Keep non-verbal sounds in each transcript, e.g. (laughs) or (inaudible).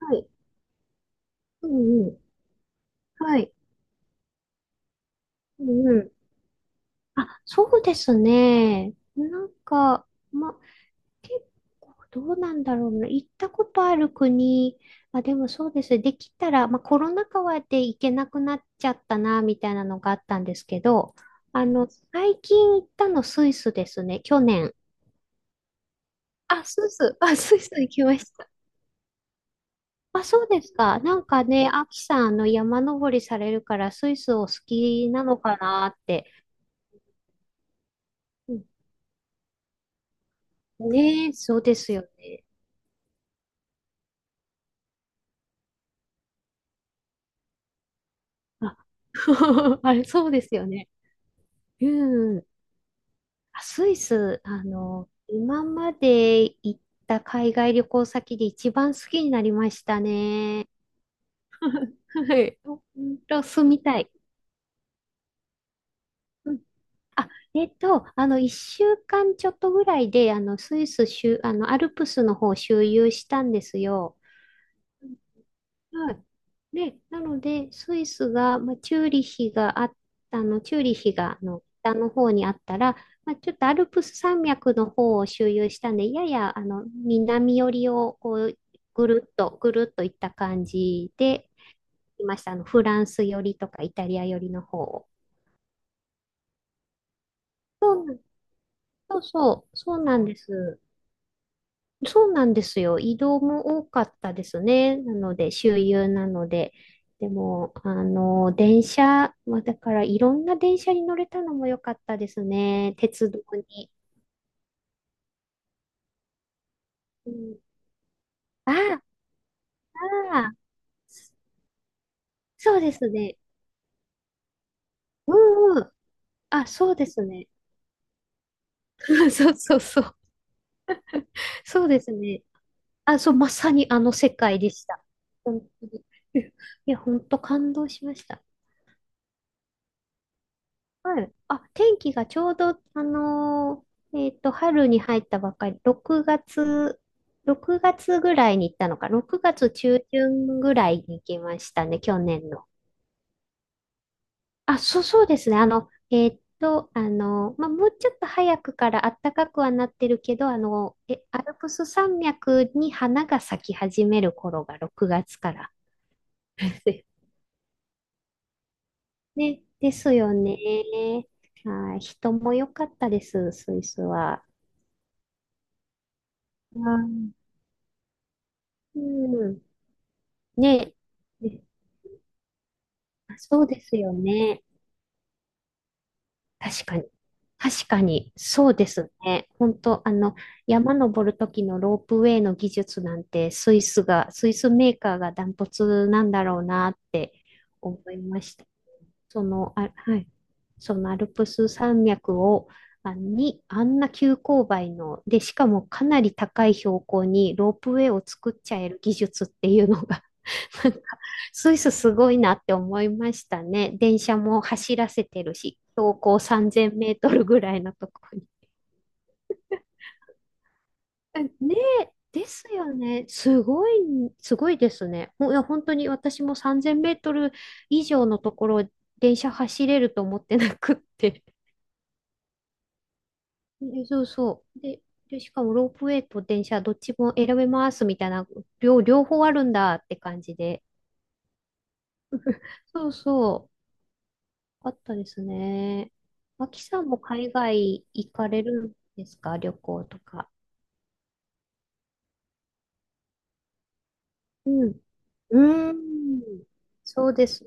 はい。うんうん。はい。うんうん。あ、そうですね。ま、結構どうなんだろうな。行ったことある国、あ、でもそうです。できたら、コロナ禍で行けなくなっちゃったな、みたいなのがあったんですけど、最近行ったのスイスですね。去年。あ、スイス。あ、スイス行きました。あ、そうですか。なんかね、アキさん、山登りされるから、スイスお好きなのかなって。ねえ、そうですよね。あ、(laughs) あれ、そうですよね。うん。あスイス、今まで行った海外旅行先で一番好きになりましたね。はい。ほんと、住みたい。うん。あ、一週間ちょっとぐらいで、あの、スイス周、あの、アルプスの方を周遊したんですよ。はい。で、なので、スイスが、チューリヒが、北の方にあったら、ちょっとアルプス山脈の方を周遊したんで、やや、南寄りを、ぐるっといった感じで、いました。フランス寄りとか、イタリア寄りの方を。そうそう、そうなんです。そうなんですよ。移動も多かったですね。なので、周遊なので。でも、あの、電車、まあ、だからいろんな電車に乗れたのも良かったですね。鉄道に。うん、ああ、ああ、そうですね。うんうん。あ、そうですね。(laughs) そうそうそう。そうですね。あ、そう、まさにあの世界でした。本当に。(laughs) いや、本当感動しました。はい。あ、天気がちょうど、春に入ったばっかり、6月、6月ぐらいに行ったのか、6月中旬ぐらいに行きましたね、去年の。あ、そうそうですね。もうちょっと早くから暖かくはなってるけど、アルプス山脈に花が咲き始める頃が6月から。(laughs) ね、ですよね。はい、人も良かったです、スイスは。はい、うん。ねえ。ね、あ、そうですよね。確かに。確かに。そうですね。本当、山登る時のロープウェイの技術なんて、スイスメーカーがダントツなんだろうなって思いました。その、あ、はい。そのアルプス山脈を、あ、に、あんな急勾配の、で、しかもかなり高い標高にロープウェイを作っちゃえる技術っていうのが (laughs) なんか、スイスすごいなって思いましたね。電車も走らせてるし、標高3000メートルぐらいのところに。ねえ、ですよね。すごい、すごいですね。ほいや、本当に私も3000メートル以上のところ、電車走れると思ってなくって、で、そうそう。で、しかもロープウェイと電車どっちも選べますみたいな、両方あるんだって感じで。そうそう。あったですね。マキさんも海外行かれるんですか？旅行とか。うん。うーん。そうです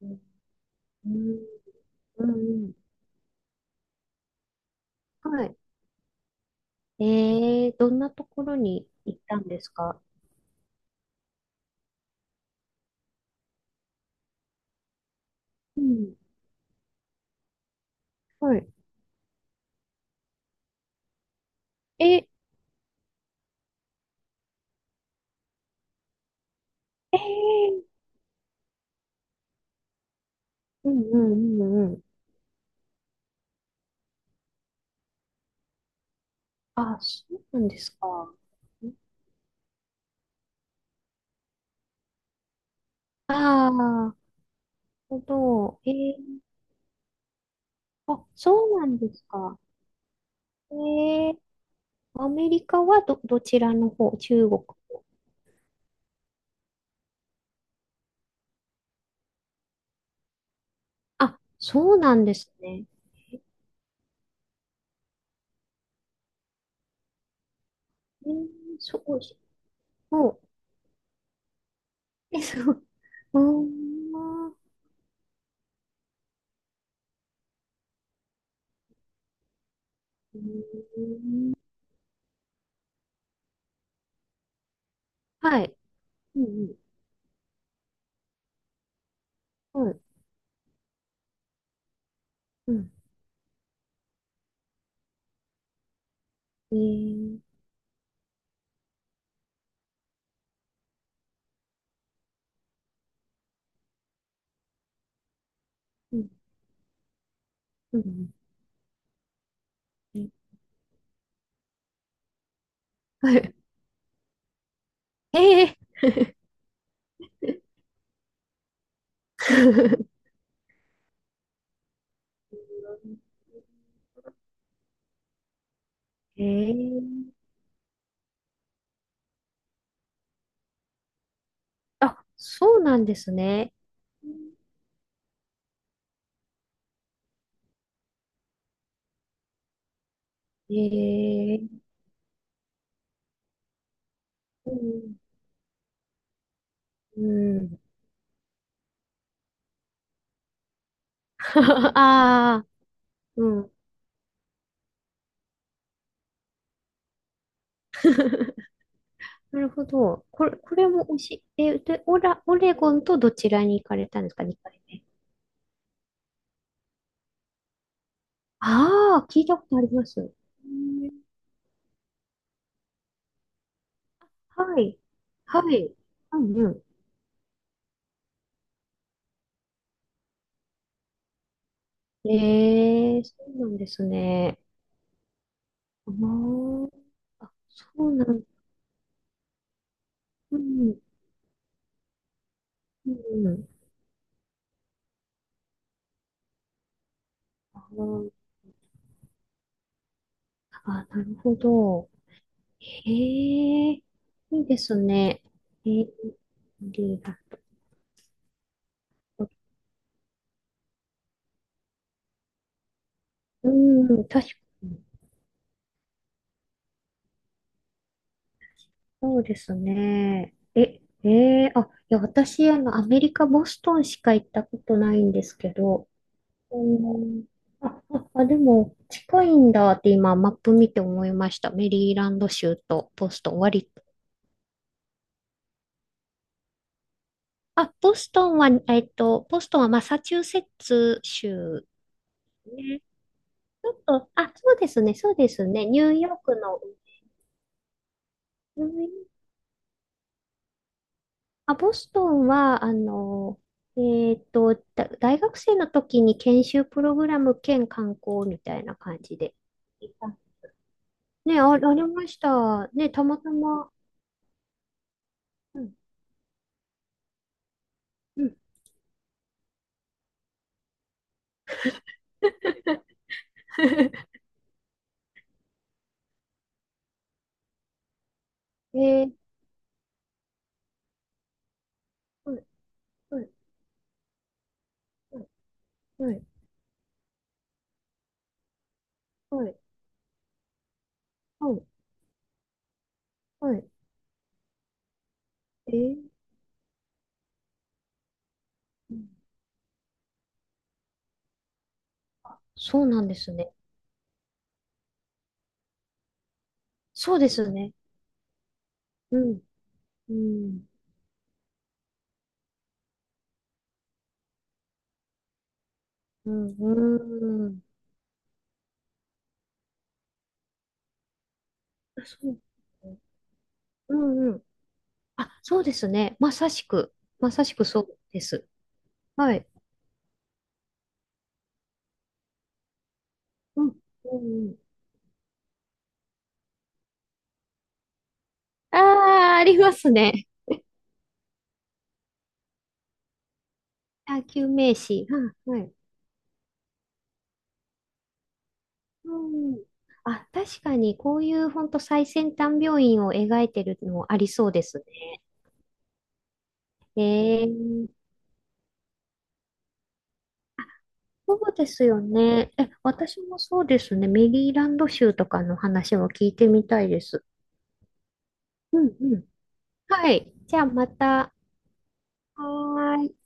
ね。うん。うんうん。はい。どんなところに行ったんですか？うん。はい。え、えー、うんうんうんうん。あ、そうなんですか。ああ、なるほど。えー、あ、そうなんですか。えー、アメリカは、どちらの方、中国。あ、そうなんですね。えー、そう、そう、え、そう、うーん、うーん、はい、うん、うん、うん、うん、えー、うん、うん、うん、はい、えー、(laughs) えー、あ、そうなんですね。えー、うんうん。(laughs) ああ、うん。(laughs) なるほど。これも美味しい。え、で、オレゴンとどちらに行かれたんですか、2回目？ああ、聞いたことあります。うん、はい。はい。うんうん。ええ、そうなんですね。あー、あ、そうなん、うん、うん。あー、あ、なるほど。へえ、いいですね。えー、リーダー。うん、確かに。そうですね。え、えー、あ、いや、私、アメリカ、ボストンしか行ったことないんですけど、うん、あ、あ、あでも、近いんだって今、マップ見て思いました。メリーランド州とボストン、割と。ボストンはマサチューセッツ州ね。ちょっと、あ、そうですね、そうですね。ニューヨークの、ニューヨあ、ボストンは、大学生の時に研修プログラム兼観光みたいな感じで行った。あ、ね、ありました。ね、たまたま。うん、うん。(laughs) えー、はい、はい、はい、はい、はい、はい、えー、うん、そうなんですね。そうですね。うん、うん、うん、うん。あ、そう。うん、うん。あ、そうですね。まさしくそうです。はい。うん。うん。ああ、ありますね。あ、救命士。はい。はい。うん。あ、確かに、こういう本当最先端病院を描いてるのありそうですね。ええ、そうですよね。え、私もそうですね。メリーランド州とかの話も聞いてみたいです。うんうん。はい。じゃあまた。はーい。